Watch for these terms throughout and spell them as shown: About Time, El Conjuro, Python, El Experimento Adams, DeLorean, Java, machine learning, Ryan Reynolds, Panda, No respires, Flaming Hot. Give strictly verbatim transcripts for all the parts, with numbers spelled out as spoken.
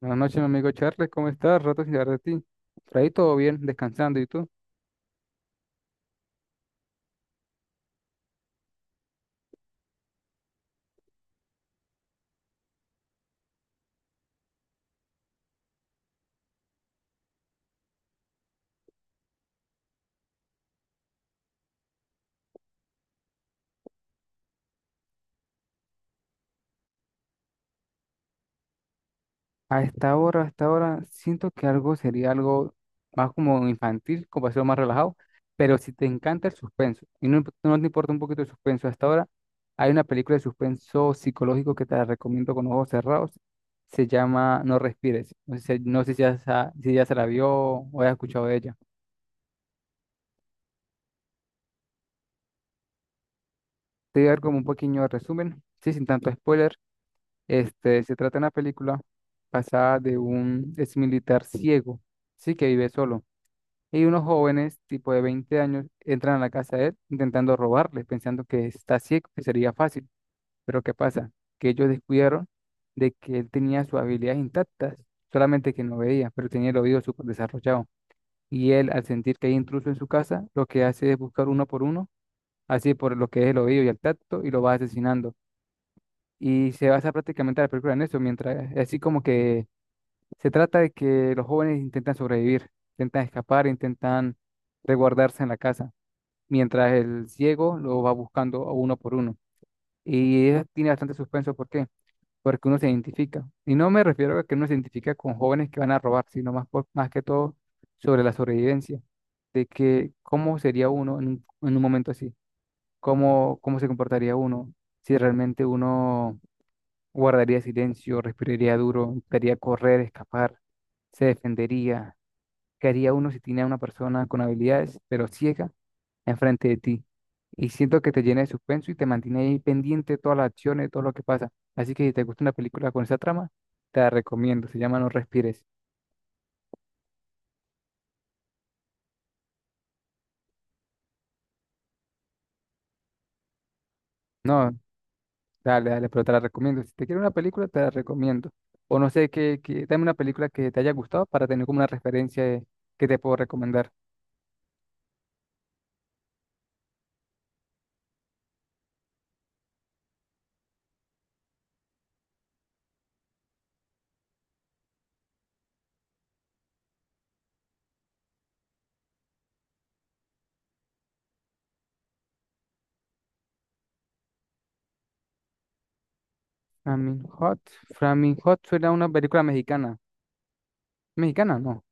Buenas noches, mi amigo Charles, ¿cómo estás? Rato sin saber de ti. Por ahí todo bien, descansando, ¿y tú? A esta hora, a esta hora, siento que algo sería algo más como infantil, como ser más relajado, pero si te encanta el suspenso y no, imp- no te importa un poquito el suspenso. Hasta ahora hay una película de suspenso psicológico que te la recomiendo con ojos cerrados, se llama No Respires. No sé, si, no sé si ya, sa- si ya se la vio o has escuchado de ella. Te voy a dar como un pequeño resumen, sí, sin tanto spoiler. Este, se trata de una película basada de un ex militar ciego, sí, que vive solo. Y unos jóvenes, tipo de veinte años, entran a la casa de él intentando robarle, pensando que está ciego, que sería fácil. Pero ¿qué pasa? Que ellos descubrieron de que él tenía sus habilidades intactas, solamente que no veía, pero tenía el oído súper desarrollado. Y él, al sentir que hay intruso en su casa, lo que hace es buscar uno por uno, así por lo que es el oído y el tacto, y lo va asesinando. Y se basa prácticamente la película en eso, mientras así como que se trata de que los jóvenes intentan sobrevivir, intentan escapar, intentan resguardarse en la casa mientras el ciego lo va buscando a uno por uno. Y es- tiene bastante suspenso, ¿por qué? Porque uno se identifica. Y no me refiero a que uno se identifica con jóvenes que van a robar, sino más, por- más que todo sobre la sobrevivencia, de que cómo sería uno en un, en un momento así, cómo, cómo se comportaría uno, si realmente uno guardaría silencio, respiraría duro, intentaría correr, escapar, se defendería, qué haría uno si tiene a una persona con habilidades, pero ciega enfrente de ti. Y siento que te llena de suspenso y te mantiene ahí pendiente de todas las acciones, todo lo que pasa. Así que si te gusta una película con esa trama, te la recomiendo. Se llama No Respires. No, dale, dale, pero te la recomiendo. Si te quieres una película, te la recomiendo. O no sé, que, que, dame una película que te haya gustado para tener como una referencia de- que te puedo recomendar. Flaming Hot. Flaming Hot suena a una película mexicana. ¿Mexicana? No.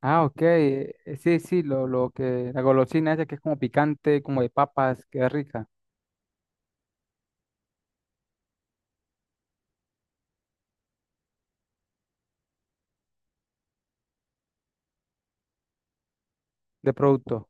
Ah, ok. eh, Sí, sí, lo, lo que, la golosina esa que es como picante, como de papas, que es rica, de producto.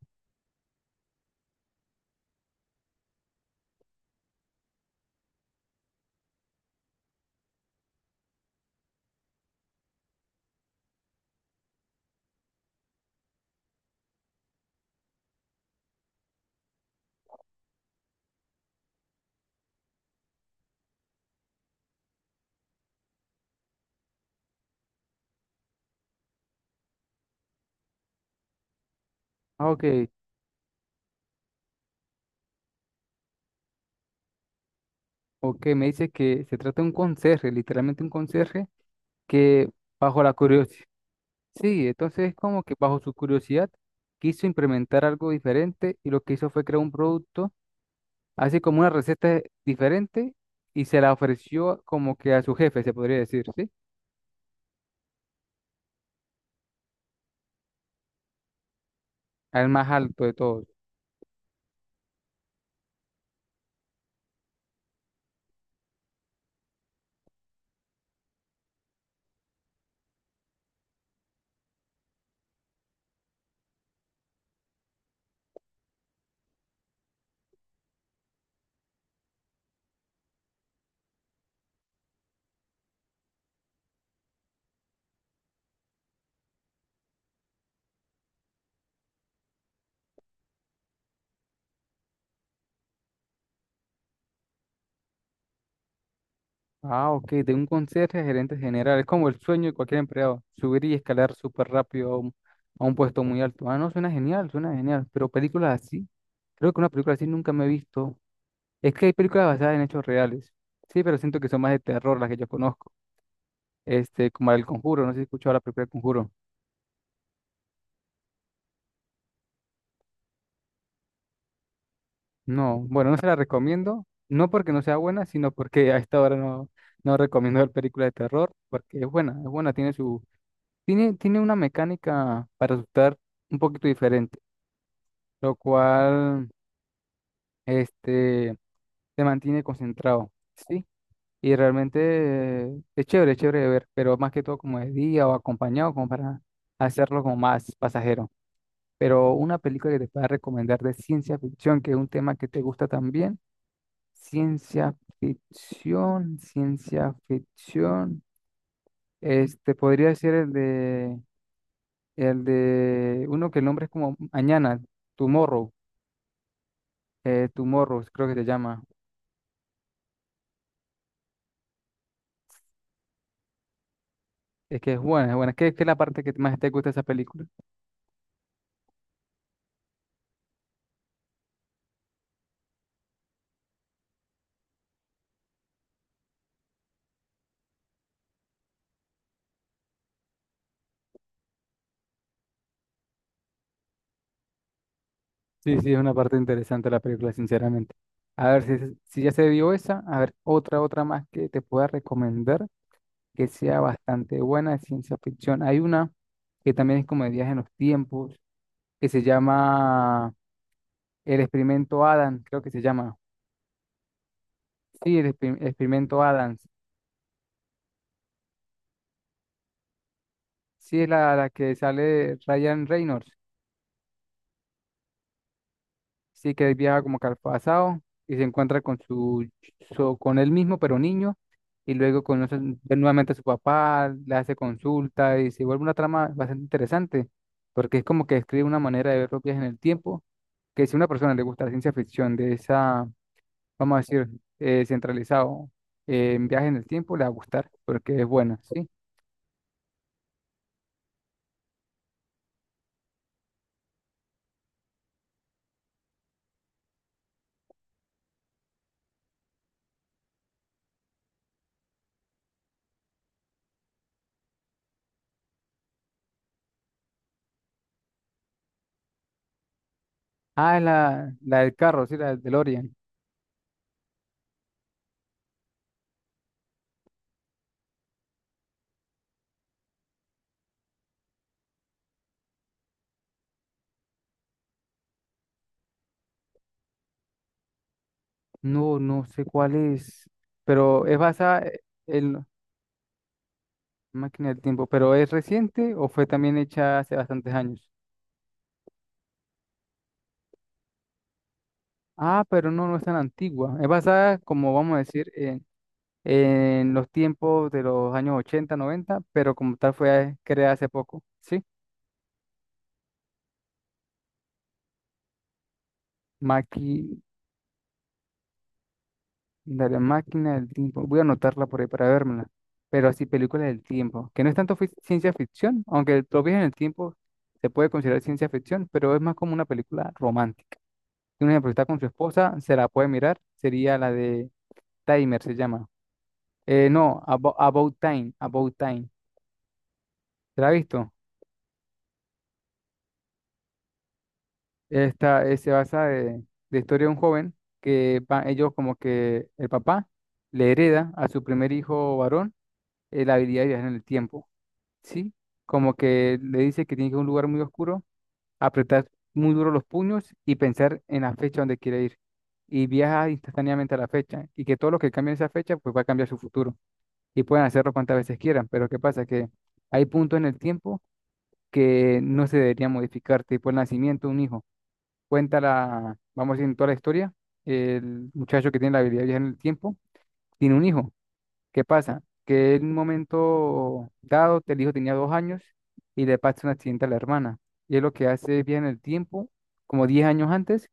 Ah, ok, ok, me dice que se trata de un conserje, literalmente un conserje que bajo la curiosidad, sí. Entonces es como que bajo su curiosidad quiso implementar algo diferente y lo que hizo fue crear un producto, así como una receta diferente, y se la ofreció como que a su jefe, se podría decir, ¿sí? Al más alto de todos. Ah, ok, de un conserje a gerente general, es como el sueño de cualquier empleado, subir y escalar súper rápido a un, a un puesto muy alto. Ah, no, suena genial, suena genial, pero películas así. Creo que una película así nunca me he visto. Es que hay películas basadas en hechos reales. Sí, pero siento que son más de terror las que yo conozco. Este, como El Conjuro, no sé si has escuchado la película El Conjuro. No, bueno, no se la recomiendo. No porque no sea buena, sino porque a esta hora no, no recomiendo ver películas de terror, porque es buena, es buena, tiene su, tiene, tiene una mecánica para asustar un poquito diferente, lo cual, este, te mantiene concentrado, ¿sí? Y realmente eh, es chévere, es chévere de ver, pero más que todo como de día o acompañado, como para hacerlo como más pasajero. Pero una película que te pueda recomendar de ciencia ficción, que es un tema que te gusta también. Ciencia ficción, ciencia ficción. Este podría ser el de, el de, uno que el nombre es como Mañana, Tomorrow, eh, Tomorrow, creo que se llama. Es que es buena, es buena. ¿Qué, qué es la parte que más te gusta de esa película? Sí, sí, es una parte interesante de la película, sinceramente. A ver, si, se- si ya se vio esa, a ver, otra, otra más que te pueda recomendar que sea bastante buena de ciencia ficción. Hay una que también es como de viaje en los tiempos, que se llama El Experimento Adams, creo que se llama. Sí, El Exper- Experimento Adams. Sí, es la, la que sale Ryan Reynolds. Sí, que él viaja como que al pasado y se encuentra con su, su- con él mismo, pero niño, y luego conoce nuevamente a su papá, le hace consulta y se vuelve una trama bastante interesante, porque es como que describe una manera de ver los viajes en el tiempo, que si a una persona le gusta la ciencia ficción de esa, vamos a decir, eh, centralizado eh, en viajes en el tiempo, le va a gustar, porque es buena, ¿sí? Ah, la, la del carro, sí, la del DeLorean. No, no sé cuál es, pero es basada eh, en... Máquina del tiempo, pero ¿es reciente o fue también hecha hace bastantes años? Ah, pero no, no es tan antigua. Es basada, como vamos a decir, en, en los tiempos de los años ochenta, noventa, pero como tal fue creada hace poco, ¿sí? Maqui, de la máquina del tiempo. Voy a anotarla por ahí para vérmela. Pero así, película del tiempo, que no es tanto fi- ciencia ficción, aunque el- los viajes en el tiempo se puede considerar ciencia ficción, pero es más como una película romántica. Un ejemplo, está con su esposa, se la puede mirar, sería la de... Timer se llama. Eh, no, Abo- About Time, About Time. ¿Te la has visto? Esta, eh, se basa de, de, historia de un joven que va- ellos como que el papá le hereda a su primer hijo varón eh, la habilidad de viajar en el tiempo, ¿sí? Como que le dice que tiene que ir a un lugar muy oscuro, apretar muy duro los puños y pensar en la fecha donde quiere ir. Y viaja instantáneamente a la fecha y que todo lo que cambie en esa fecha pues va a cambiar su futuro y pueden hacerlo cuantas veces quieran, pero ¿qué pasa? Que hay puntos en el tiempo que no se debería modificar, tipo el nacimiento de un hijo. Cuenta la, vamos a decir, en toda la historia, el muchacho que tiene la habilidad de viajar en el tiempo, tiene un hijo. ¿Qué pasa? Que en un momento dado, el hijo tenía dos años y le pasa un accidente a la hermana. Y él lo que hace es viajar en el tiempo, como diez años antes,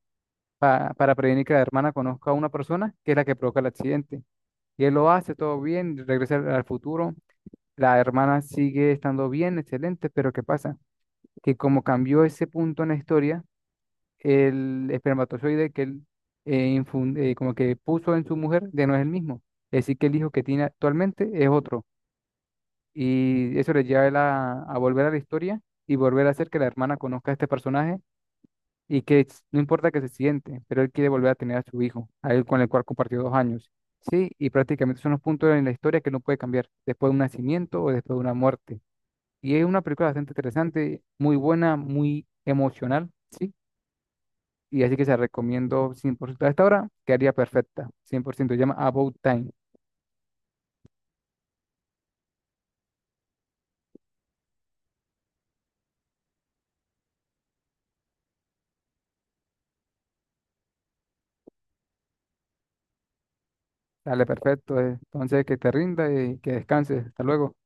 pa- para prevenir que la hermana conozca a una persona que es la que provoca el accidente. Y él lo hace todo bien, regresa al al futuro. La hermana sigue estando bien, excelente, pero ¿qué pasa? Que como cambió ese punto en la historia, el espermatozoide que él eh, infun- eh, como que puso en su mujer ya no es el mismo. Es decir, que el hijo que tiene actualmente es otro. Y eso le lleva a, él a a volver a la historia y volver a hacer que la hermana conozca a este personaje y que s- no importa que se siente, pero él quiere volver a tener a su hijo, a él con el cual compartió dos años. Sí, y prácticamente son los puntos en la historia que no puede cambiar después de un nacimiento o después de una muerte. Y es una película bastante interesante, muy buena, muy emocional, ¿sí? Y así que se la recomiendo cien por ciento. A esta hora quedaría perfecta, cien por ciento. Se llama About Time. Dale, perfecto. eh. Entonces, que te rinda y que descanses. Hasta luego.